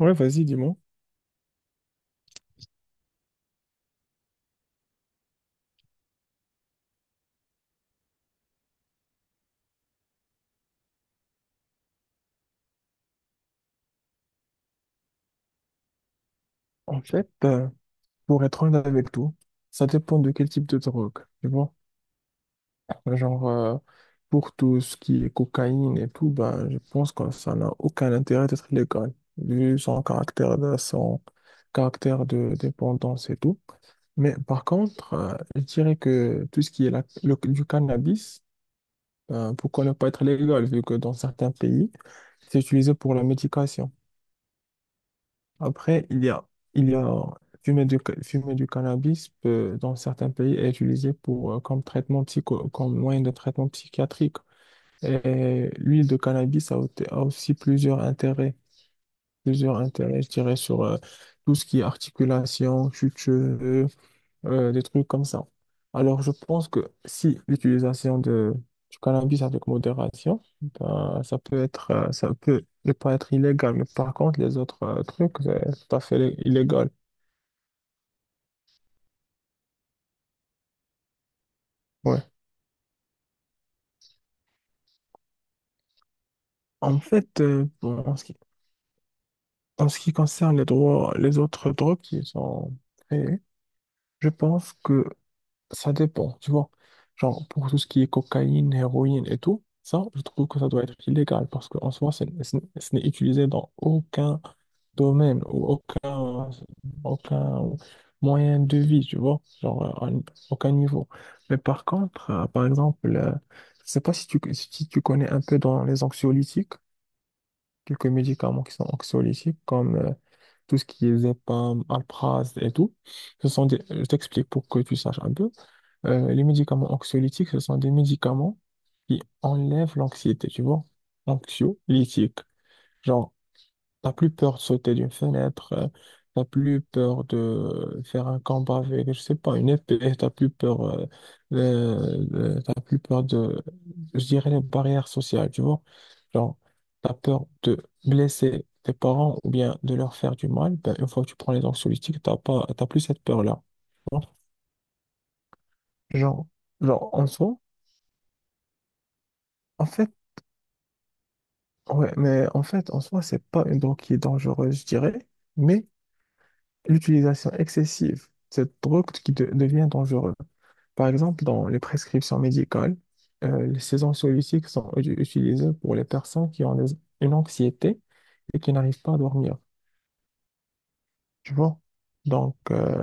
Ouais, vas-y, dis-moi. En fait, pour être honnête avec toi, ça dépend de quel type de drogue. Tu vois, genre, pour tout ce qui est cocaïne et tout, ben, je pense que ça n'a aucun intérêt d'être légal, vu son caractère de dépendance et tout. Mais par contre, je dirais que tout ce qui est du cannabis, pourquoi ne pas être légal, vu que dans certains pays, c'est utilisé pour la médication. Après, il y a fumer du, fumer du cannabis peut, dans certains pays est utilisé pour, comme traitement psycho, comme moyen de traitement psychiatrique. Et l'huile de cannabis a, a aussi plusieurs intérêts, je dirais, sur tout ce qui est articulation, chute cheveux, des trucs comme ça. Alors, je pense que si l'utilisation de, du cannabis avec modération, ben, ça peut être, ça peut ne pas être illégal, mais par contre, les autres trucs, c'est tout à fait illégal. Ouais. En fait, bon, en ce qui concerne les droits, les autres drogues qui sont créées, je pense que ça dépend, tu vois. Genre, pour tout ce qui est cocaïne, héroïne et tout, ça, je trouve que ça doit être illégal parce qu'en soi, ce n'est utilisé dans aucun domaine ou aucun moyen de vie, tu vois, genre aucun niveau. Mais par contre, par exemple, je sais pas si tu connais un peu dans les anxiolytiques, quelques médicaments qui sont anxiolytiques, comme tout ce qui est Zepam, Alpraz et tout. Ce sont des, je t'explique pour que tu saches un peu. Les médicaments anxiolytiques, ce sont des médicaments qui enlèvent l'anxiété, tu vois, anxiolytiques. Genre, t'as plus peur de sauter d'une fenêtre, t'as plus peur de faire un combat avec, je sais pas, une épée, t'as plus peur, t'as plus peur de, je dirais, les barrières sociales, tu vois. Genre, t'as peur de blesser tes parents ou bien de leur faire du mal, ben, une fois que tu prends les anxiolytiques, t'as pas, t'as plus cette peur-là, tu vois. Genre, en soi, en fait, ouais, mais en fait, en soi, c'est pas une drogue qui est dangereuse, je dirais, mais l'utilisation excessive de cette drogue qui devient dangereuse. Par exemple, dans les prescriptions médicales, les séances soluciques sont utilisées pour les personnes qui ont une anxiété et qui n'arrivent pas à dormir. Tu vois? Donc,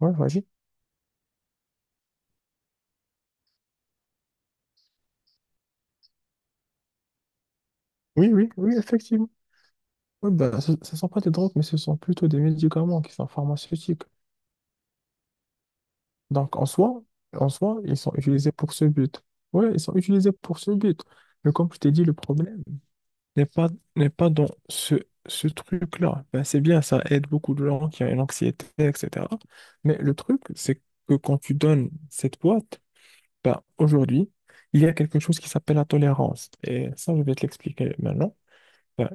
ouais, vas-y. Oui, oui, oui, effectivement. Ouais, ben, ce ne sont pas des drogues, mais ce sont plutôt des médicaments qui sont pharmaceutiques. Donc, en soi, ils sont utilisés pour ce but. Oui, ils sont utilisés pour ce but. Mais comme je t'ai dit, le problème n'est pas, n'est pas dans ce, ce truc-là. Ben, c'est bien, ça aide beaucoup de gens qui ont une anxiété, etc. Mais le truc, c'est que quand tu donnes cette boîte, ben, aujourd'hui, il y a quelque chose qui s'appelle la tolérance. Et ça, je vais te l'expliquer maintenant. Ben,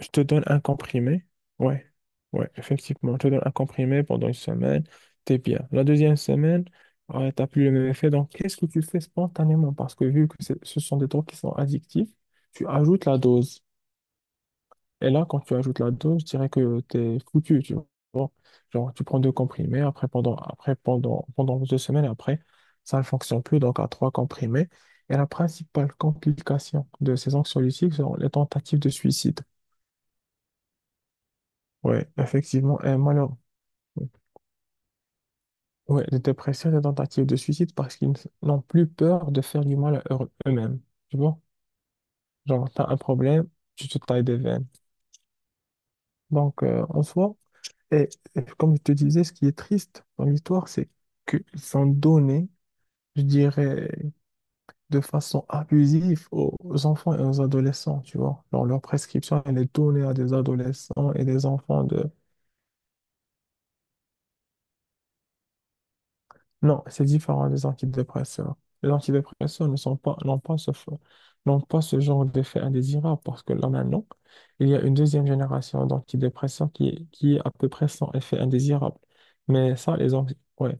je te donne un comprimé. Ouais, ouais, effectivement. Je te donne un comprimé pendant une semaine, t'es bien. La deuxième semaine, tu t'as plus le même effet. Donc, qu'est-ce que tu fais spontanément? Parce que vu que ce sont des drogues qui sont addictives, tu ajoutes la dose. Et là, quand tu ajoutes la dose, je dirais que t'es foutu, tu vois. Genre, tu prends deux comprimés, après pendant deux semaines, et après, ça ne fonctionne plus, donc à trois comprimés. Et la principale complication de ces anxiolytiques sont les tentatives de suicide. Ouais, effectivement, et malheureusement. Ouais, les dépressions, les tentatives de suicide parce qu'ils n'ont plus peur de faire du mal à eux-mêmes. Tu vois? Genre, t'as un problème, tu te tailles des veines. Donc, en soi, Et, et comme je te disais, ce qui est triste dans l'histoire, c'est qu'ils sont donnés, je dirais, de façon abusive aux aux enfants et aux adolescents, tu vois. Genre, leur prescription, elle est donnée à des adolescents et des enfants de... Non, c'est différent des antidépresseurs. Les antidépresseurs ne sont pas, n'ont pas ce, n'ont pas ce genre d'effet indésirable parce que là maintenant, il y a une deuxième génération d'antidépresseurs qui est à peu près sans effet indésirable. Mais ça, ouais.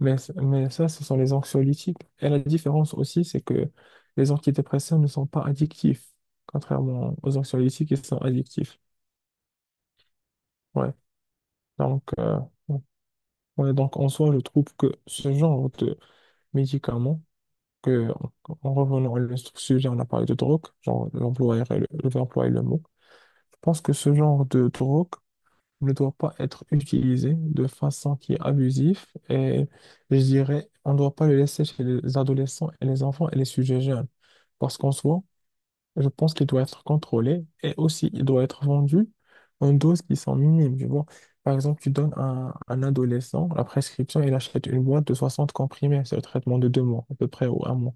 Mais, mais ça, ce sont les anxiolytiques. Et la différence aussi, c'est que les antidépresseurs ne sont pas addictifs, contrairement aux anxiolytiques qui sont addictifs. Ouais. Donc, ouais, donc en soi, je trouve que ce genre de médicaments, que, en revenant à notre sujet, on a parlé de drogue, genre, l'employeur et le, je vais employer le mot. Je pense que ce genre de drogue ne doit pas être utilisé de façon qui est abusive et je dirais, on ne doit pas le laisser chez les adolescents et les enfants et les sujets jeunes. Parce qu'en soi, je pense qu'il doit être contrôlé et aussi il doit être vendu en doses qui sont minimes, tu vois. Par exemple, tu donnes à un adolescent la prescription, il achète une boîte de 60 comprimés, c'est le traitement de deux mois à peu près ou un mois.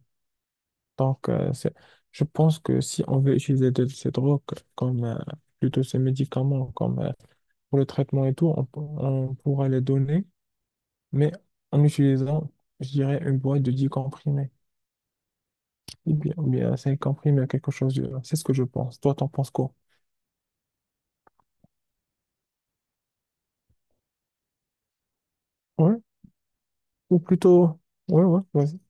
Donc, je pense que si on veut utiliser ces drogues comme plutôt ces médicaments comme pour le traitement et tout, on pourra les donner, mais en utilisant, je dirais, une boîte de 10 comprimés, ou bien 5 comprimés, quelque chose de... C'est ce que je pense. Toi, t'en penses quoi? Ouais, ou plutôt... Ouais, ouais, vas-y.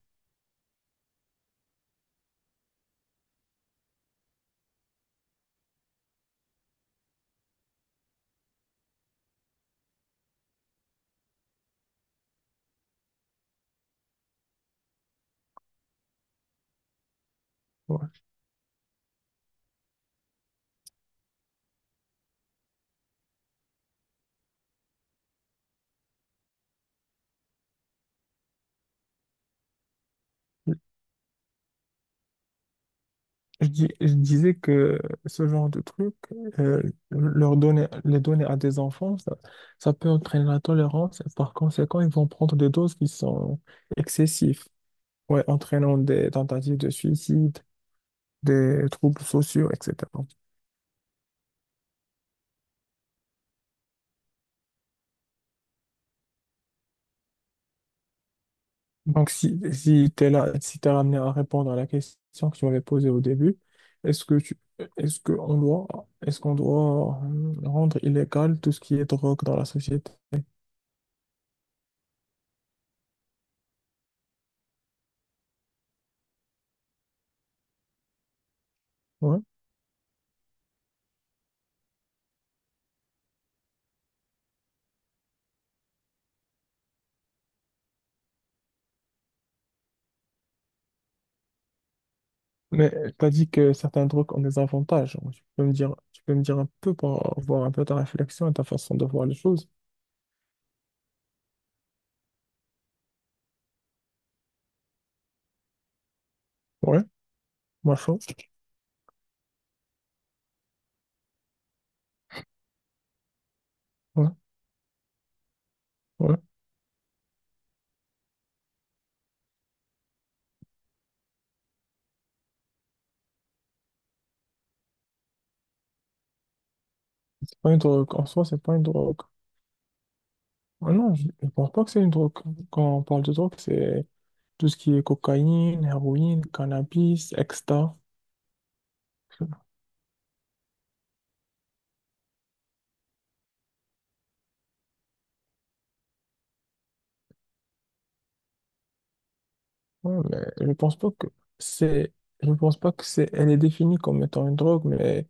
Ouais. Je disais que ce genre de truc, euh, leur donner, les donner à des enfants, ça peut entraîner la tolérance et par conséquent, ils vont prendre des doses qui sont excessives, ouais, entraînant des tentatives de suicide, des troubles sociaux, etc. Donc, si t'es là, si t'es ramené à répondre à la question que tu m'avais posée au début, est-ce que tu, est-ce que on doit, est-ce qu'on doit rendre illégal tout ce qui est drogue dans la société? Ouais. Mais t'as dit que certains drogues ont des avantages. Donc, tu peux me dire, tu peux me dire un peu pour voir un peu ta réflexion et ta façon de voir les choses. Ouais, moi chaud. Ouais, ouais. C'est pas une drogue. En soi, c'est pas une drogue. Ah non, je pense pas que c'est une drogue. Quand on parle de drogue, c'est tout ce qui est cocaïne, héroïne, cannabis, extra. Ouais, mais c'est, je pense pas que c'est, elle est définie comme étant une drogue, mais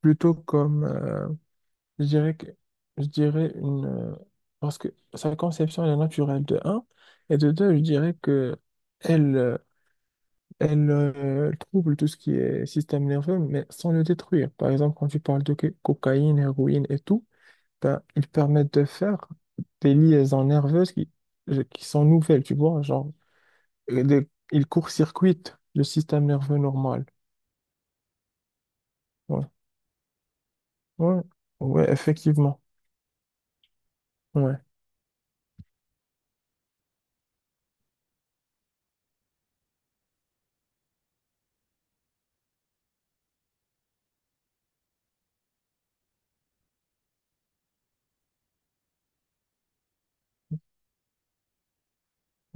plutôt comme, je dirais que, je dirais une, parce que sa conception elle est naturelle de un, et de deux, je dirais que elle, euh, elle trouble tout ce qui est système nerveux, mais sans le détruire. Par exemple, quand tu parles de cocaïne, héroïne et tout, ben, ils permettent de faire des liaisons nerveuses qui sont nouvelles, tu vois, genre, ils court-circuitent le système nerveux normal. Ouais, ouais, ouais, effectivement. Ouais,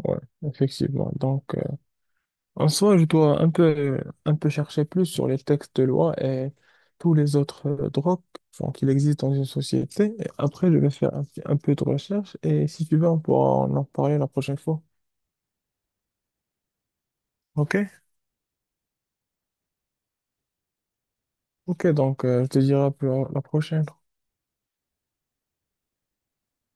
ouais, effectivement. Donc, en soi, je dois un peu chercher plus sur les textes de loi et tous les autres drogues enfin, qu'il existe dans une société. Et après, je vais faire un peu de recherche et si tu veux, on pourra en parler la prochaine fois. OK? OK, donc, je te dirai à la prochaine.